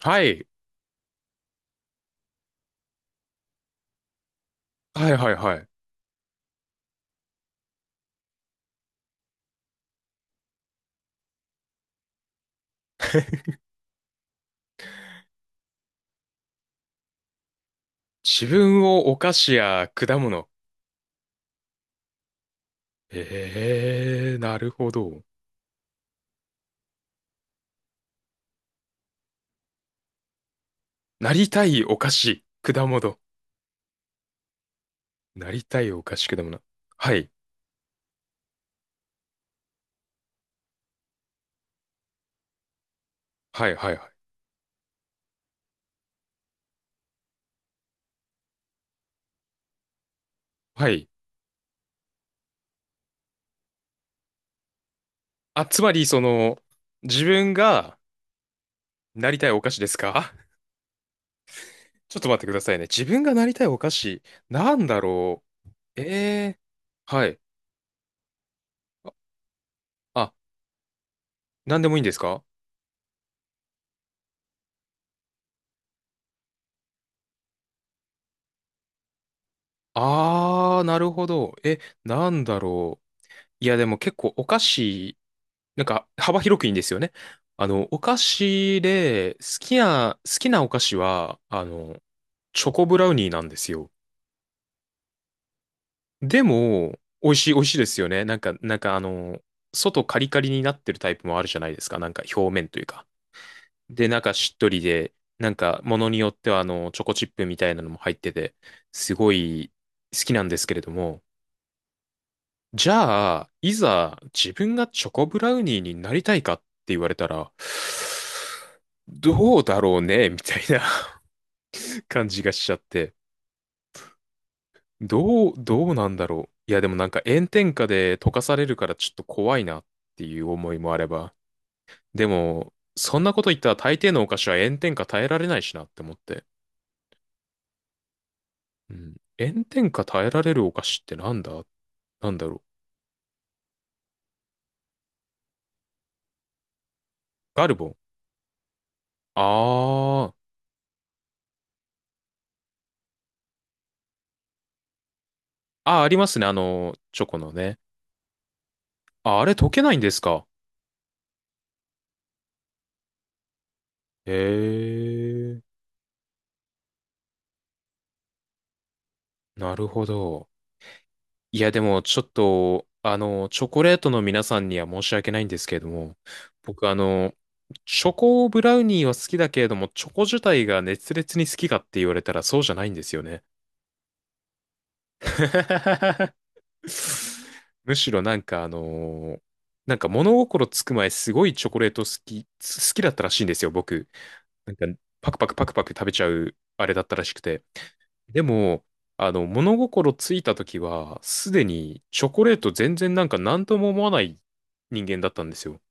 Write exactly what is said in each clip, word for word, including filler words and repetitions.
はい。はいはいはい。自分をお菓子や果物。ええー、なるほど。なりたいお菓子、果物。なりたいお菓子、果物。はい。はいはいはい。はい。あ、つまり、その、自分がなりたいお菓子ですか？ ちょっと待ってくださいね。自分がなりたいお菓子、なんだろう。ええー、はい。あ、なんでもいいんですか？あー、なるほど。え、なんだろう。いや、でも結構お菓子、なんか幅広くいいんですよね。あの、お菓子で、好きな、好きなお菓子は、あの、チョコブラウニーなんですよ。でも、美味しい、美味しいですよね。なんか、なんかあの、外カリカリになってるタイプもあるじゃないですか。なんか表面というか。で、なんかしっとりで、なんかものによってはあの、チョコチップみたいなのも入ってて、すごい好きなんですけれども、じゃあ、いざ自分がチョコブラウニーになりたいかって言われたら、どうだろうね みたいな 感じがしちゃって。どう、どうなんだろう。いや、でもなんか炎天下で溶かされるからちょっと怖いなっていう思いもあれば。でも、そんなこと言ったら大抵のお菓子は炎天下耐えられないしなって思って。うん。炎天下耐えられるお菓子ってなんだ、なんだろう。ガルボン。あー。あー、ありますね。あの、チョコのね。あ、あれ溶けないんですか？へえ、なるほど。いや、でも、ちょっと、あの、チョコレートの皆さんには申し訳ないんですけれども、僕、あの、チョコブラウニーは好きだけれども、チョコ自体が熱烈に好きかって言われたらそうじゃないんですよね。むしろなんかあのーなんか物心つく前すごいチョコレート好き、好きだったらしいんですよ、僕。なんかパクパクパクパク食べちゃうあれだったらしくて。でも、あの、物心ついた時は、すでにチョコレート全然なんか何とも思わない人間だったんですよ。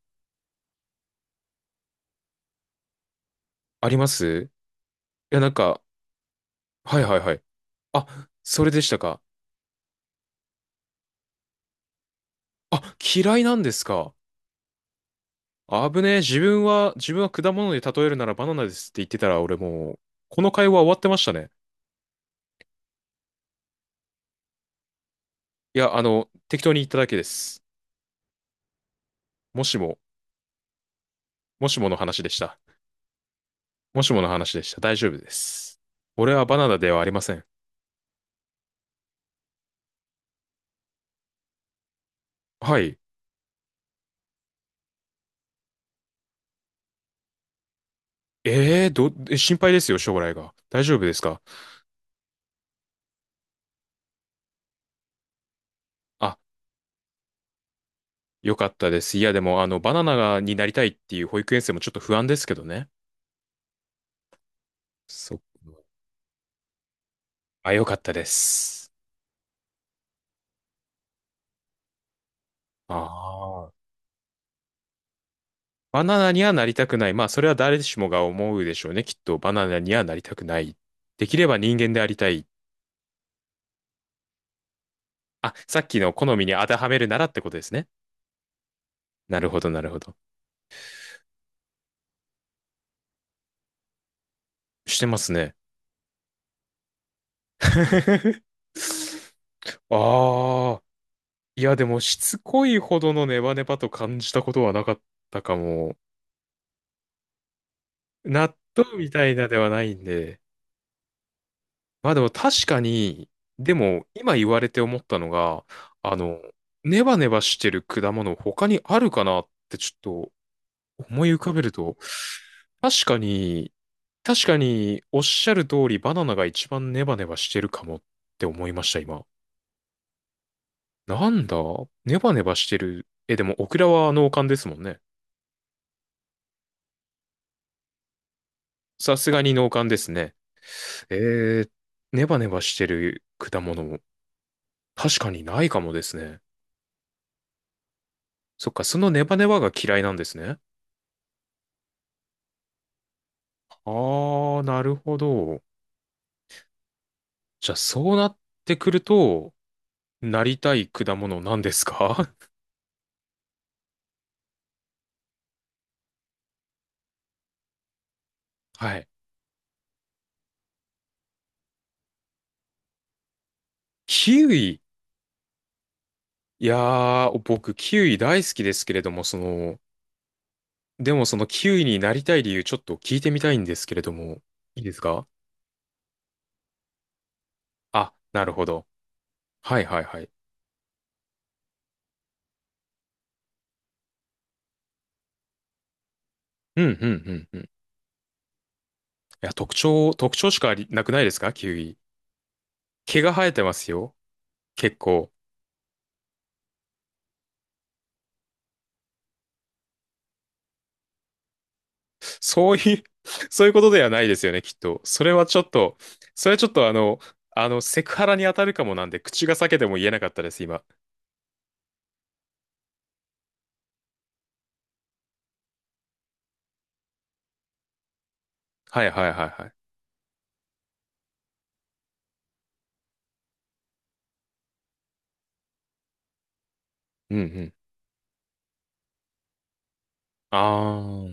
あります。いや、なんか、はいはいはい。あ、それでしたか。あ、嫌いなんですか。危ねえ、自分は、自分は果物で例えるならバナナですって言ってたら、俺もう、この会話終わってましたね。いや、あの、適当に言っただけです。もしも、もしもの話でした。もしもの話でした。大丈夫です。俺はバナナではありません。はい。ええー、ど、え、心配ですよ、将来が。大丈夫ですか？あ、よかったです。いや、でも、あの、バナナになりたいっていう保育園生もちょっと不安ですけどね。そっか、あ、よかったです。ああ。バナナにはなりたくない。まあ、それは誰しもが思うでしょうね。きっと、バナナにはなりたくない。できれば人間でありたい。あ、さっきの好みに当てはめるならってことですね。なるほど、なるほど。してますね。ああ、いやでもしつこいほどのネバネバと感じたことはなかったかも。納豆みたいなではないんで。まあでも確かに、でも今言われて思ったのが、あの、ネバネバしてる果物他にあるかなってちょっと思い浮かべると、確かに、確かにおっしゃる通りバナナが一番ネバネバしてるかもって思いました今。なんだ、ネバネバしてる。え、でもオクラは農家ですもんね。さすがに農館ですね。えー、ネバネバしてる果物も確かにないかもですね。そっか、そのネバネバが嫌いなんですね。あー、なるほど。じゃあ、そうなってくると、なりたい果物なんですか？ はい。キウイ。いやー、僕、キウイ大好きですけれども、その、でもそのキウイになりたい理由ちょっと聞いてみたいんですけれども、いいですか？あ、なるほど。はいはいはい。うんうんうんうん。いや、特徴、特徴しかありなくないですかキウイ。毛が生えてますよ。結構。そういう そういうことではないですよね、きっと。それはちょっと、それはちょっとあの、あの、セクハラに当たるかもなんで、口が裂けても言えなかったです、今。はいはいはいはい。うんうん。あ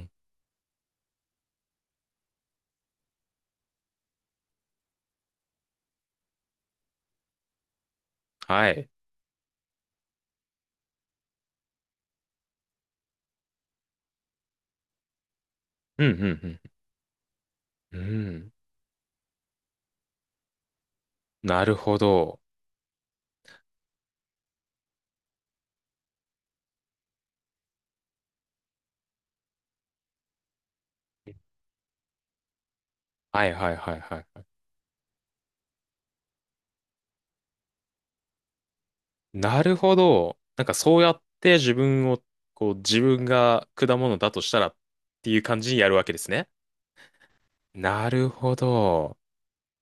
あ、はい。うんうんうん。うん。なるほど。はいはいはいはい。なるほど。なんかそうやって自分を、こう、自分が果物だとしたらっていう感じにやるわけですね。なるほど。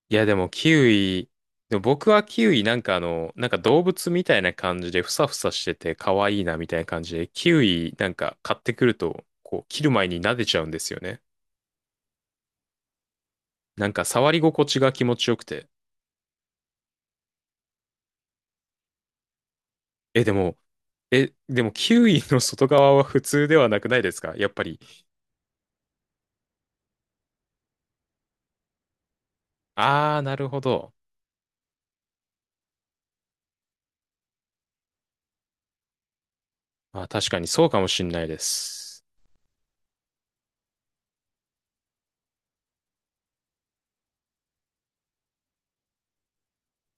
いや、でもキウイ、でも僕はキウイなんかあの、なんか動物みたいな感じでふさふさしてて可愛いなみたいな感じで、キウイなんか買ってくると、こう、切る前に撫でちゃうんですよね。なんか触り心地が気持ちよくて。え、でも、え、でもキウイの外側は普通ではなくないですかやっぱり。あー、なるほど。まあ確かにそうかもしんないです。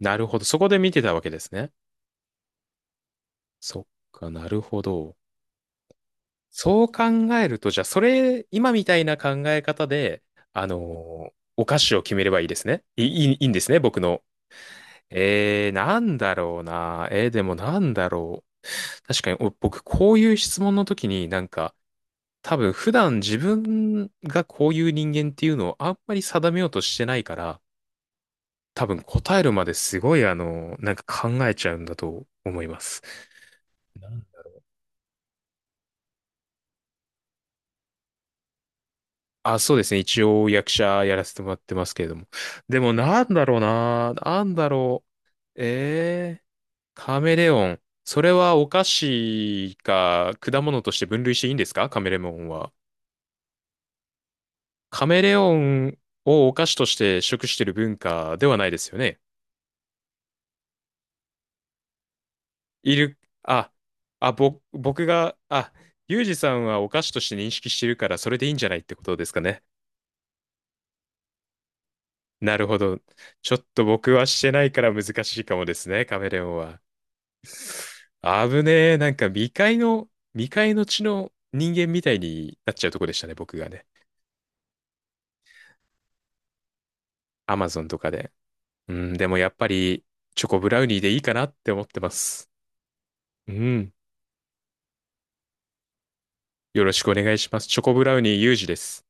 なるほど。そこで見てたわけですね。そっか、なるほど。そう考えると、じゃあ、それ、今みたいな考え方で、あのーお菓子を決めればいいですね。いい、いいいいんですね、僕の。えー、なんだろうな。えー、でもなんだろう。確かに、お僕、こういう質問の時になんか、多分、普段自分がこういう人間っていうのをあんまり定めようとしてないから、多分答えるまですごい、あのなんか考えちゃうんだと思います。あ、そうですね。一応役者やらせてもらってますけれども。でもなんだろうな。なんだろう。えー、カメレオン。それはお菓子か果物として分類していいんですかカメレオンは。カメレオンをお菓子として食してる文化ではないですよね。いる、あ、あ、ぼ、僕が、あ、ユージさんはお菓子として認識してるからそれでいいんじゃないってことですかね。なるほど。ちょっと僕はしてないから難しいかもですね、カメレオンは。危ねえ。なんか未開の、未開の地の人間みたいになっちゃうとこでしたね、僕がね。アマゾンとかで。うん、でもやっぱり、チョコブラウニーでいいかなって思ってます。うん。よろしくお願いします。チョコブラウニーユージです。